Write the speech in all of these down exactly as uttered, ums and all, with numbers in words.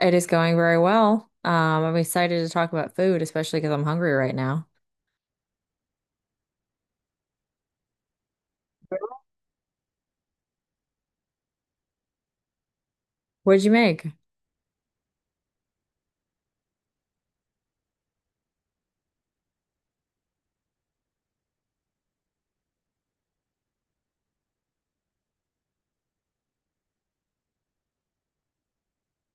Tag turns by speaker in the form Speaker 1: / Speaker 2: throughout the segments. Speaker 1: It is going very well. Um, I'm excited to talk about food, especially because I'm hungry right now. What'd you make?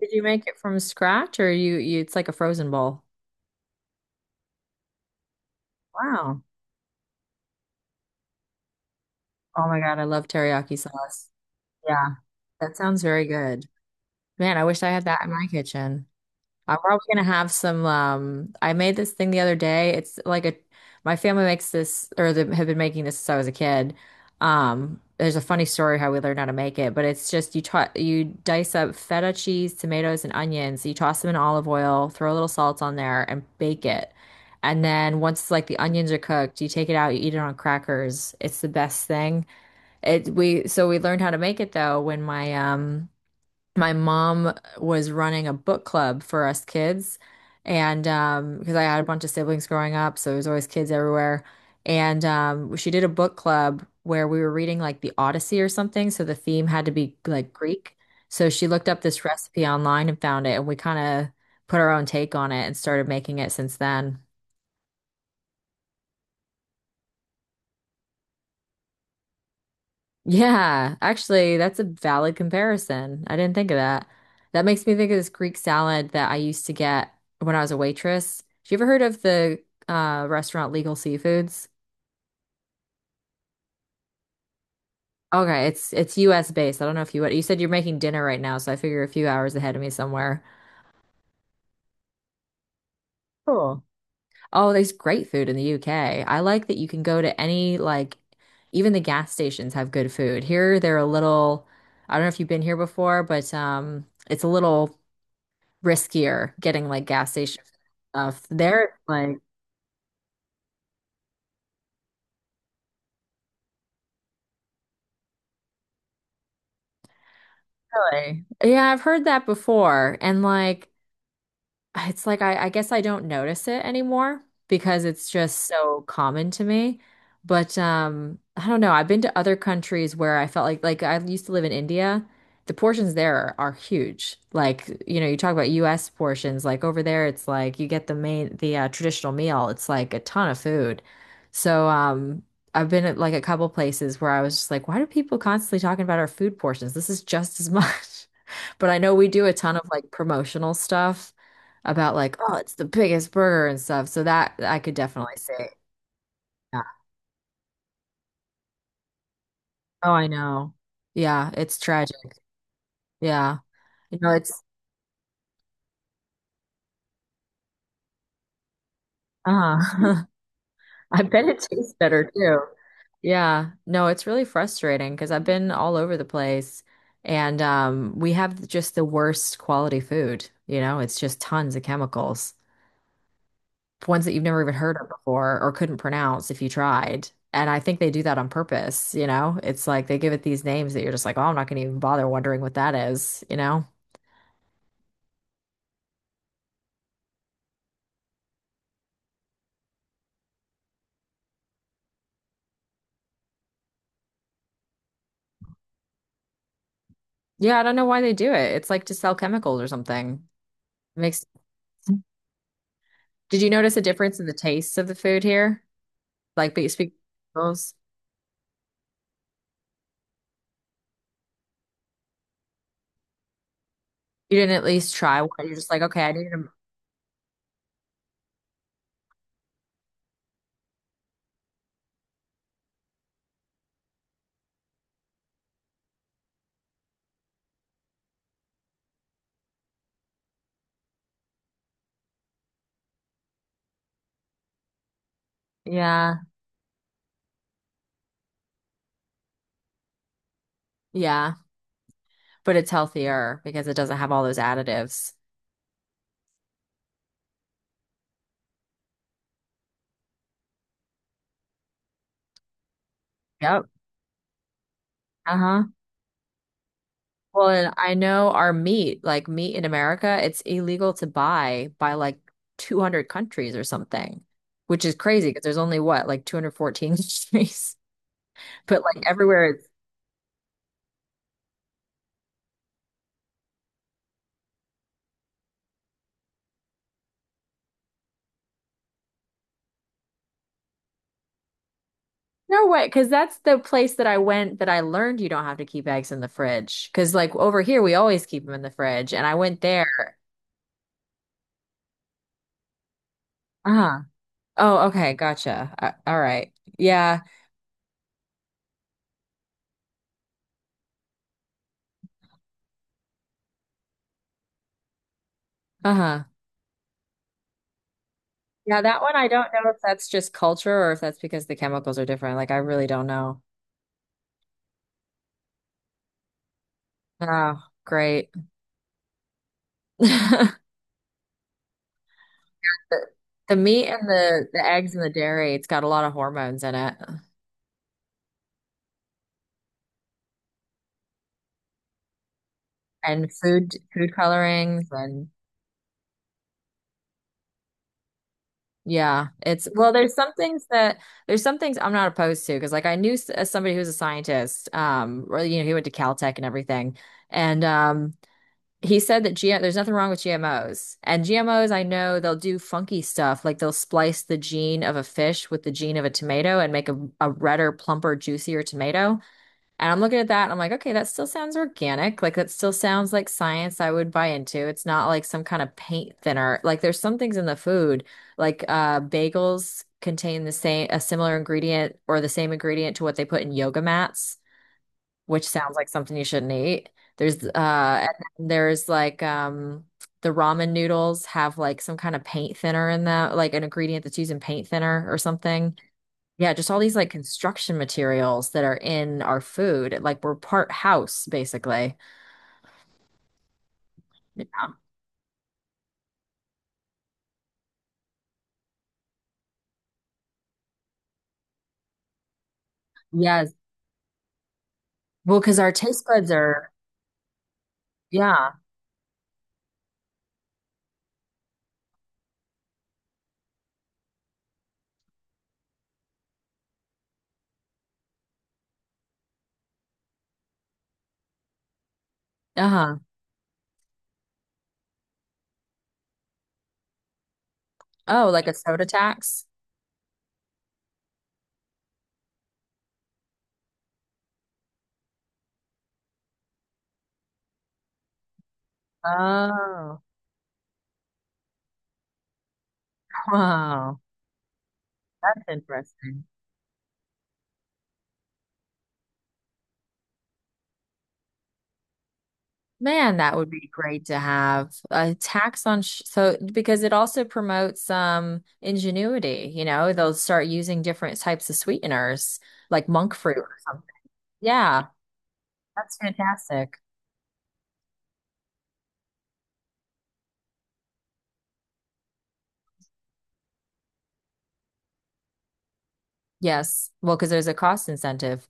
Speaker 1: Did you make it from scratch or you, you it's like a frozen bowl? Wow. Oh my God, I love teriyaki sauce. Yeah, that sounds very good. Man, I wish I had that in my kitchen. I'm probably gonna have some. Um, I made this thing the other day. It's like a, my family makes this, or they have been making this since I was a kid. Um, there's a funny story how we learned how to make it, but it's just you tot you dice up feta cheese, tomatoes, and onions. You toss them in olive oil, throw a little salt on there, and bake it. And then once like the onions are cooked, you take it out, you eat it on crackers. It's the best thing. It we so we learned how to make it though when my um my mom was running a book club for us kids, and um because I had a bunch of siblings growing up, so there was always kids everywhere. And um she did a book club where we were reading like the Odyssey or something, so the theme had to be like Greek. So she looked up this recipe online and found it, and we kind of put our own take on it and started making it since then. Yeah, actually, that's a valid comparison. I didn't think of that. That makes me think of this Greek salad that I used to get when I was a waitress. Have you ever heard of the uh, restaurant Legal Seafoods? Okay, it's it's U S based. I don't know if you would. You said you're making dinner right now, so I figure a few hours ahead of me somewhere. Cool. Oh, there's great food in the U K. I like that you can go to any like even the gas stations have good food. Here they're a little, I don't know if you've been here before, but um it's a little riskier getting like gas station stuff. There, it's like, really? Yeah, I've heard that before. And like, it's like I, I guess I don't notice it anymore because it's just so common to me. But um, I don't know. I've been to other countries where I felt like like I used to live in India. The portions there are huge. Like, you know, you talk about U S portions, like over there it's like you get the main the uh, traditional meal. It's like a ton of food. So um I've been at like a couple places where I was just like, why do people constantly talking about our food portions? This is just as much. But I know we do a ton of like promotional stuff about like, oh, it's the biggest burger and stuff. So that I could definitely say, yeah. Oh, I know. Yeah, it's tragic. Yeah. You know, it's uh I bet it tastes better too. Yeah. No, it's really frustrating because I've been all over the place, and um we have just the worst quality food. You know, it's just tons of chemicals, ones that you've never even heard of before or couldn't pronounce if you tried. And I think they do that on purpose, you know? It's like they give it these names that you're just like, oh, I'm not going to even bother wondering what that is, you know? Yeah, I don't know why they do it. It's like to sell chemicals or something. It makes, did you notice a difference in the tastes of the food here? Like, but you speak chemicals. You didn't at least try one. You're just like, okay, I need them. Yeah, yeah. But it's healthier because it doesn't have all those additives. Yep. Uh-huh. Well, and I know our meat, like meat in America, it's illegal to buy by like two hundred countries or something, which is crazy because there's only what, like two hundred fourteen countries. But like everywhere it's no way, because that's the place that I went that I learned you don't have to keep eggs in the fridge. Because like over here, we always keep them in the fridge. And I went there. Uh-huh. Oh, okay. Gotcha. Uh, all right. Yeah. Uh-huh. Yeah, that one I don't know if that's just culture or if that's because the chemicals are different. Like I really don't know. Oh, great. The, the meat and the the eggs and the dairy, it's got a lot of hormones in it. And food food colorings and yeah, it's well there's some things that there's some things I'm not opposed to because like I knew s- uh, somebody who was a scientist, um or you know he went to Caltech and everything, and um he said that G there's nothing wrong with G M Os. And G M Os, I know they'll do funky stuff like they'll splice the gene of a fish with the gene of a tomato and make a, a redder, plumper, juicier tomato. And I'm looking at that and I'm like, okay, that still sounds organic. Like that still sounds like science I would buy into. It's not like some kind of paint thinner. Like there's some things in the food, like uh bagels contain the same a similar ingredient or the same ingredient to what they put in yoga mats, which sounds like something you shouldn't eat. There's uh and then there's like um the ramen noodles have like some kind of paint thinner in them, like an ingredient that's used in paint thinner or something. Yeah, just all these like construction materials that are in our food. Like we're part house, basically. Yeah. Yes. Well, because our taste buds are, yeah. Uh-huh. Oh, like a soda tax? Oh, wow. That's interesting. Man, that would be great to have a tax on sh so because it also promotes um ingenuity, you know, they'll start using different types of sweeteners like monk fruit or something. Yeah, that's fantastic. Yes. Well, because there's a cost incentive.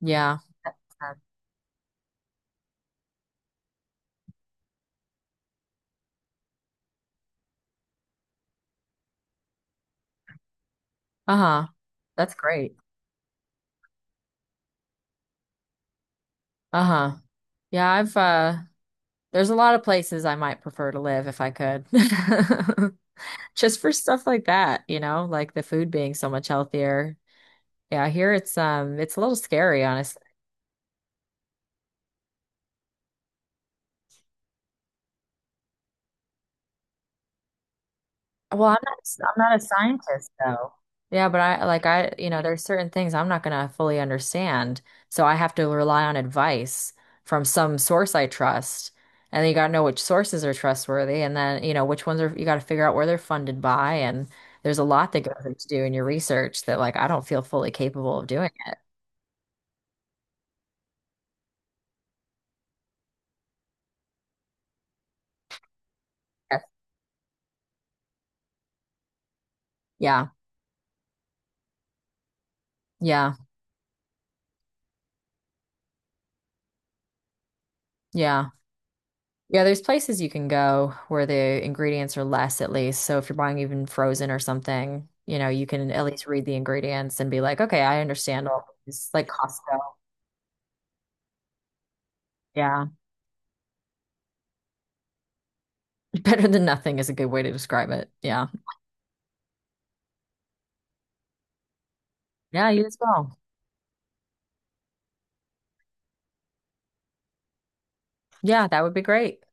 Speaker 1: Yeah. Uh-huh. That's great. Uh-huh. Yeah, I've uh there's a lot of places I might prefer to live if I could. Just for stuff like that, you know, like the food being so much healthier. Yeah, here it's um it's a little scary, honestly. Well, I'm not, I'm not a scientist though. Yeah, but I like I, you know, there's certain things I'm not gonna fully understand. So I have to rely on advice from some source I trust. And then you gotta know which sources are trustworthy and then, you know, which ones are you gotta figure out where they're funded by. And there's a lot that goes into doing your research that like I don't feel fully capable of doing. Yeah. Yeah. Yeah. Yeah. Yeah, there's places you can go where the ingredients are less at least. So if you're buying even frozen or something, you know, you can at least read the ingredients and be like, okay, I understand all this. Like Costco. Yeah. Better than nothing is a good way to describe it. Yeah. Yeah, you as well. Yeah, that would be great.